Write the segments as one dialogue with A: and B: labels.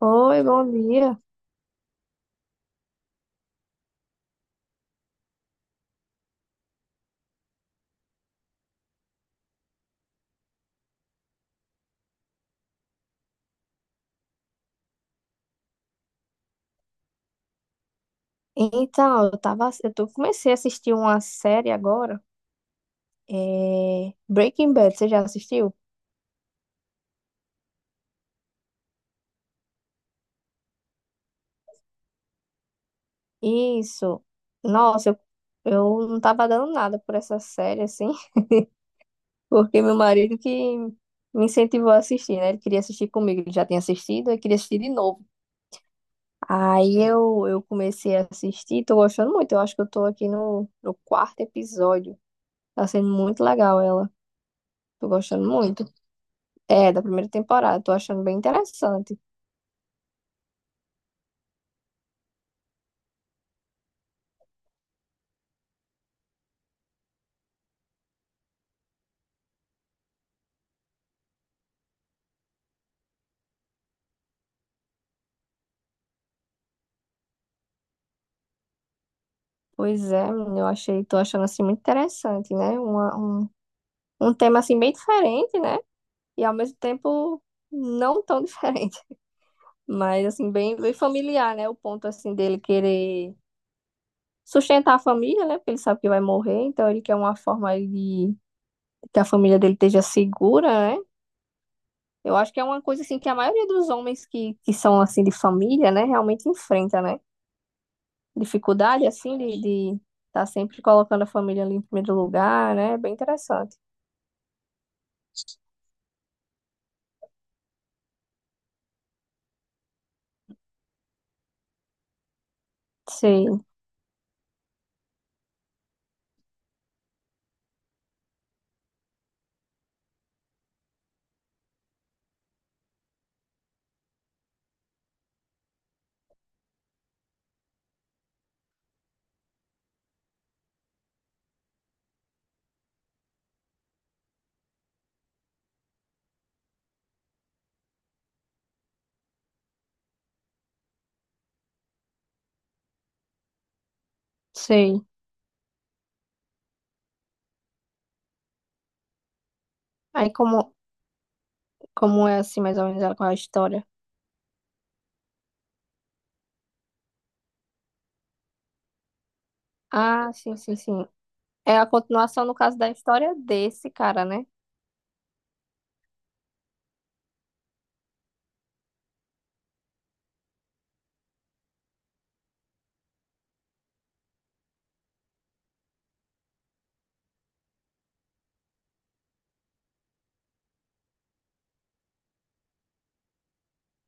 A: Oi, bom dia. Então, eu tava, eu tô, Comecei a assistir uma série agora, Breaking Bad, você já assistiu? Isso. Nossa, eu não tava dando nada por essa série, assim, porque meu marido que me incentivou a assistir, né? Ele queria assistir comigo, ele já tinha assistido, ele queria assistir de novo. Aí eu comecei a assistir, tô gostando muito, eu acho que eu tô aqui no quarto episódio. Tá sendo muito legal ela, tô gostando muito. É, da primeira temporada, tô achando bem interessante. Pois é, menina, tô achando assim muito interessante, né? Um tema assim bem diferente, né? E ao mesmo tempo não tão diferente, mas assim bem familiar, né? O ponto assim dele querer sustentar a família, né? Porque ele sabe que vai morrer, então ele quer uma forma de que a família dele esteja segura, né? Eu acho que é uma coisa assim que a maioria dos homens que são assim de família, né, realmente enfrenta, né? Dificuldade assim de tá sempre colocando a família ali em primeiro lugar, né? É bem interessante. Sei, sei. Aí como, como é assim, mais ou menos, ela com a história? Ah, sim. É a continuação, no caso, da história desse cara, né?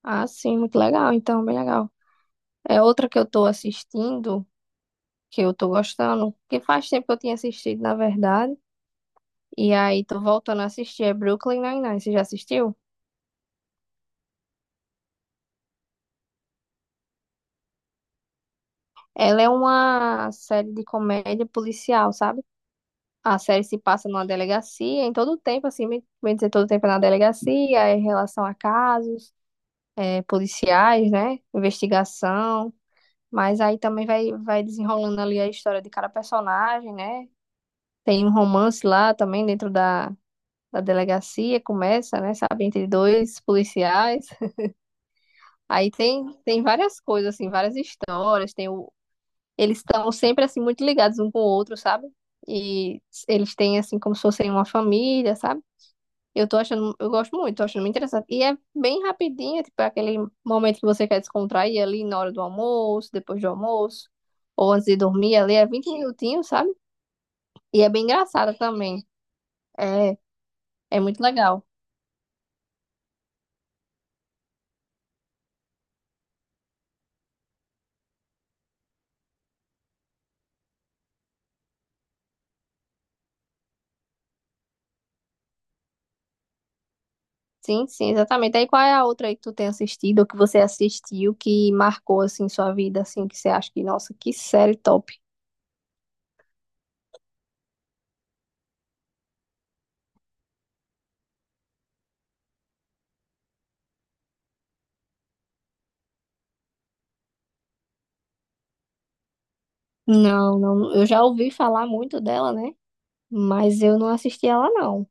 A: Ah, sim, muito legal, então, bem legal. É outra que eu tô assistindo, que eu tô gostando, que faz tempo que eu tinha assistido, na verdade. E aí tô voltando a assistir, é Brooklyn Nine-Nine, você já assistiu? Ela é uma série de comédia policial, sabe? A série se passa numa delegacia, em todo o tempo, assim, bem dizer, todo o tempo é na delegacia, é em relação a casos. É, policiais, né? Investigação. Mas aí também vai desenrolando ali a história de cada personagem, né? Tem um romance lá também dentro da delegacia, começa, né? Sabe, entre dois policiais. Tem várias coisas, assim, várias histórias. Eles estão sempre, assim, muito ligados um com o outro, sabe? E eles têm, assim, como se fossem uma família, sabe? Eu gosto muito, tô achando muito interessante. E é bem rapidinho, é tipo aquele momento que você quer descontrair ali na hora do almoço, depois do almoço, ou antes de dormir ali, é 20 minutinhos, sabe? E é bem engraçada também. É, é muito legal. Sim, sim, exatamente. Aí qual é a outra aí que tu tem assistido, ou que você assistiu, que marcou, assim, sua vida, assim, que você acha que, nossa, que série top. Não, não, eu já ouvi falar muito dela, né? Mas eu não assisti ela, não.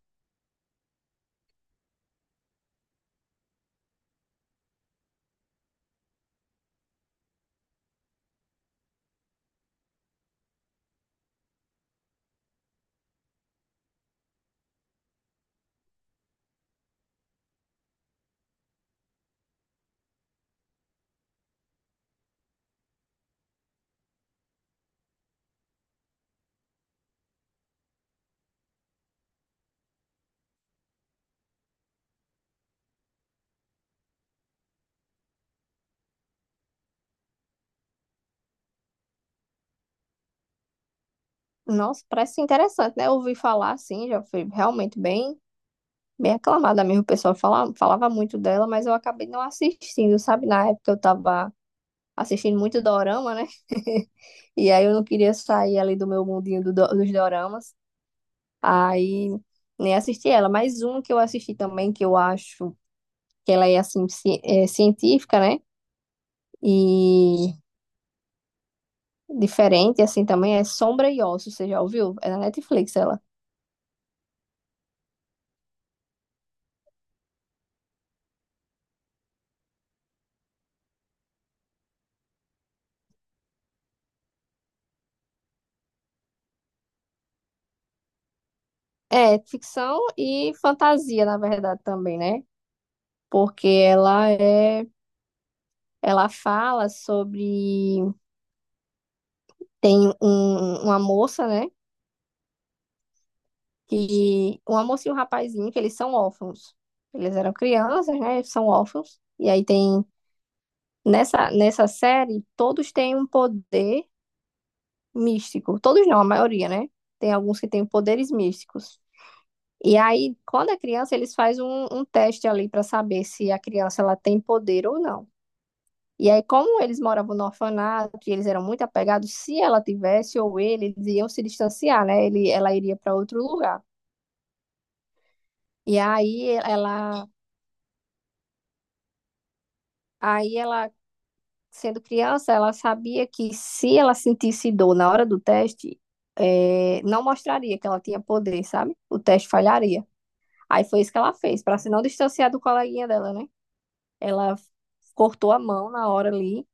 A: Nossa, parece interessante, né? Eu ouvi falar assim, já foi realmente bem aclamada mesmo. O pessoal falava muito dela, mas eu acabei não assistindo, sabe? Na época eu tava assistindo muito dorama, né? E aí eu não queria sair ali do meu mundinho dos doramas. Aí nem assisti ela. Mas um que eu assisti também, que eu acho que ela é assim, é, científica, né? E diferente assim também é Sombra e Ossos, você já ouviu? É na Netflix ela. É, ficção e fantasia, na verdade, também, né? Porque ela fala sobre, tem um, uma moça, né? Uma moça e um rapazinho, que eles são órfãos. Eles eram crianças, né? Eles são órfãos. E aí tem, nessa série, todos têm um poder místico. Todos não, a maioria, né? Tem alguns que têm poderes místicos. E aí, quando é criança, eles fazem um teste ali para saber se a criança ela tem poder ou não. E aí, como eles moravam no orfanato, e eles eram muito apegados, se ela tivesse ou ele, eles iam se distanciar, né? Ela iria para outro lugar. E aí ela, aí ela, sendo criança, ela sabia que se ela sentisse dor na hora do teste, não mostraria que ela tinha poder, sabe? O teste falharia. Aí foi isso que ela fez, para se não distanciar do coleguinha dela, né? Ela cortou a mão na hora ali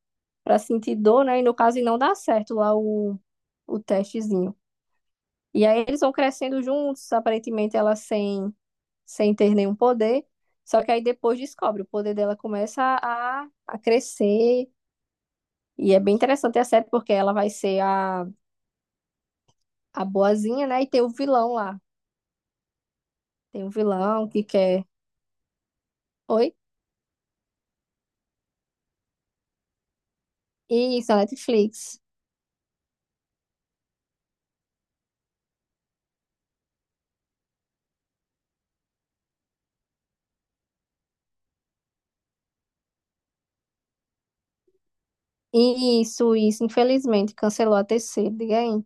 A: para sentir dor, né? E no caso, e não dá certo lá o testezinho. E aí eles vão crescendo juntos, aparentemente ela sem ter nenhum poder. Só que aí depois descobre, o poder dela começa a crescer. E é bem interessante a série, porque ela vai ser a boazinha, né? E tem o vilão lá. Tem o vilão que quer. Oi? Isso, a Netflix. Isso, isso. Infelizmente, cancelou a terceira, diga aí.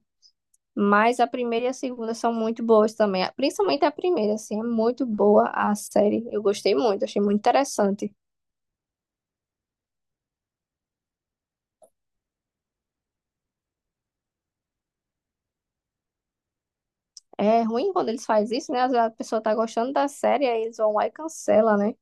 A: Mas a primeira e a segunda são muito boas também. Principalmente a primeira, assim, é muito boa a série. Eu gostei muito, achei muito interessante. É ruim quando eles fazem isso, né? Às vezes a pessoa tá gostando da série, aí eles vão lá e cancela, né?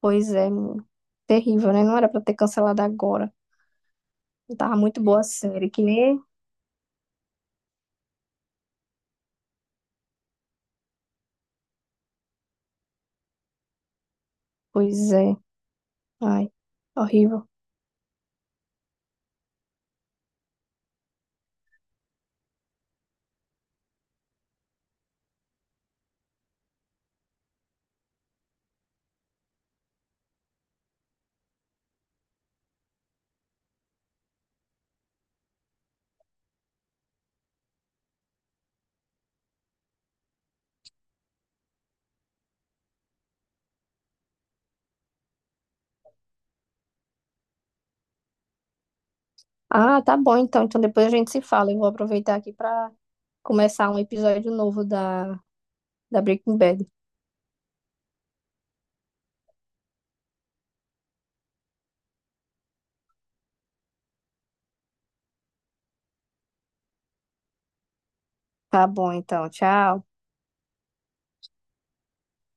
A: Pois é, menino. Terrível, né? Não era pra ter cancelado agora. Tava muito boa a série, que nem. Pois é. Ai, horrível. Ah, tá bom então. Então depois a gente se fala. Eu vou aproveitar aqui pra começar um episódio novo da Breaking Bad. Tá bom então. Tchau.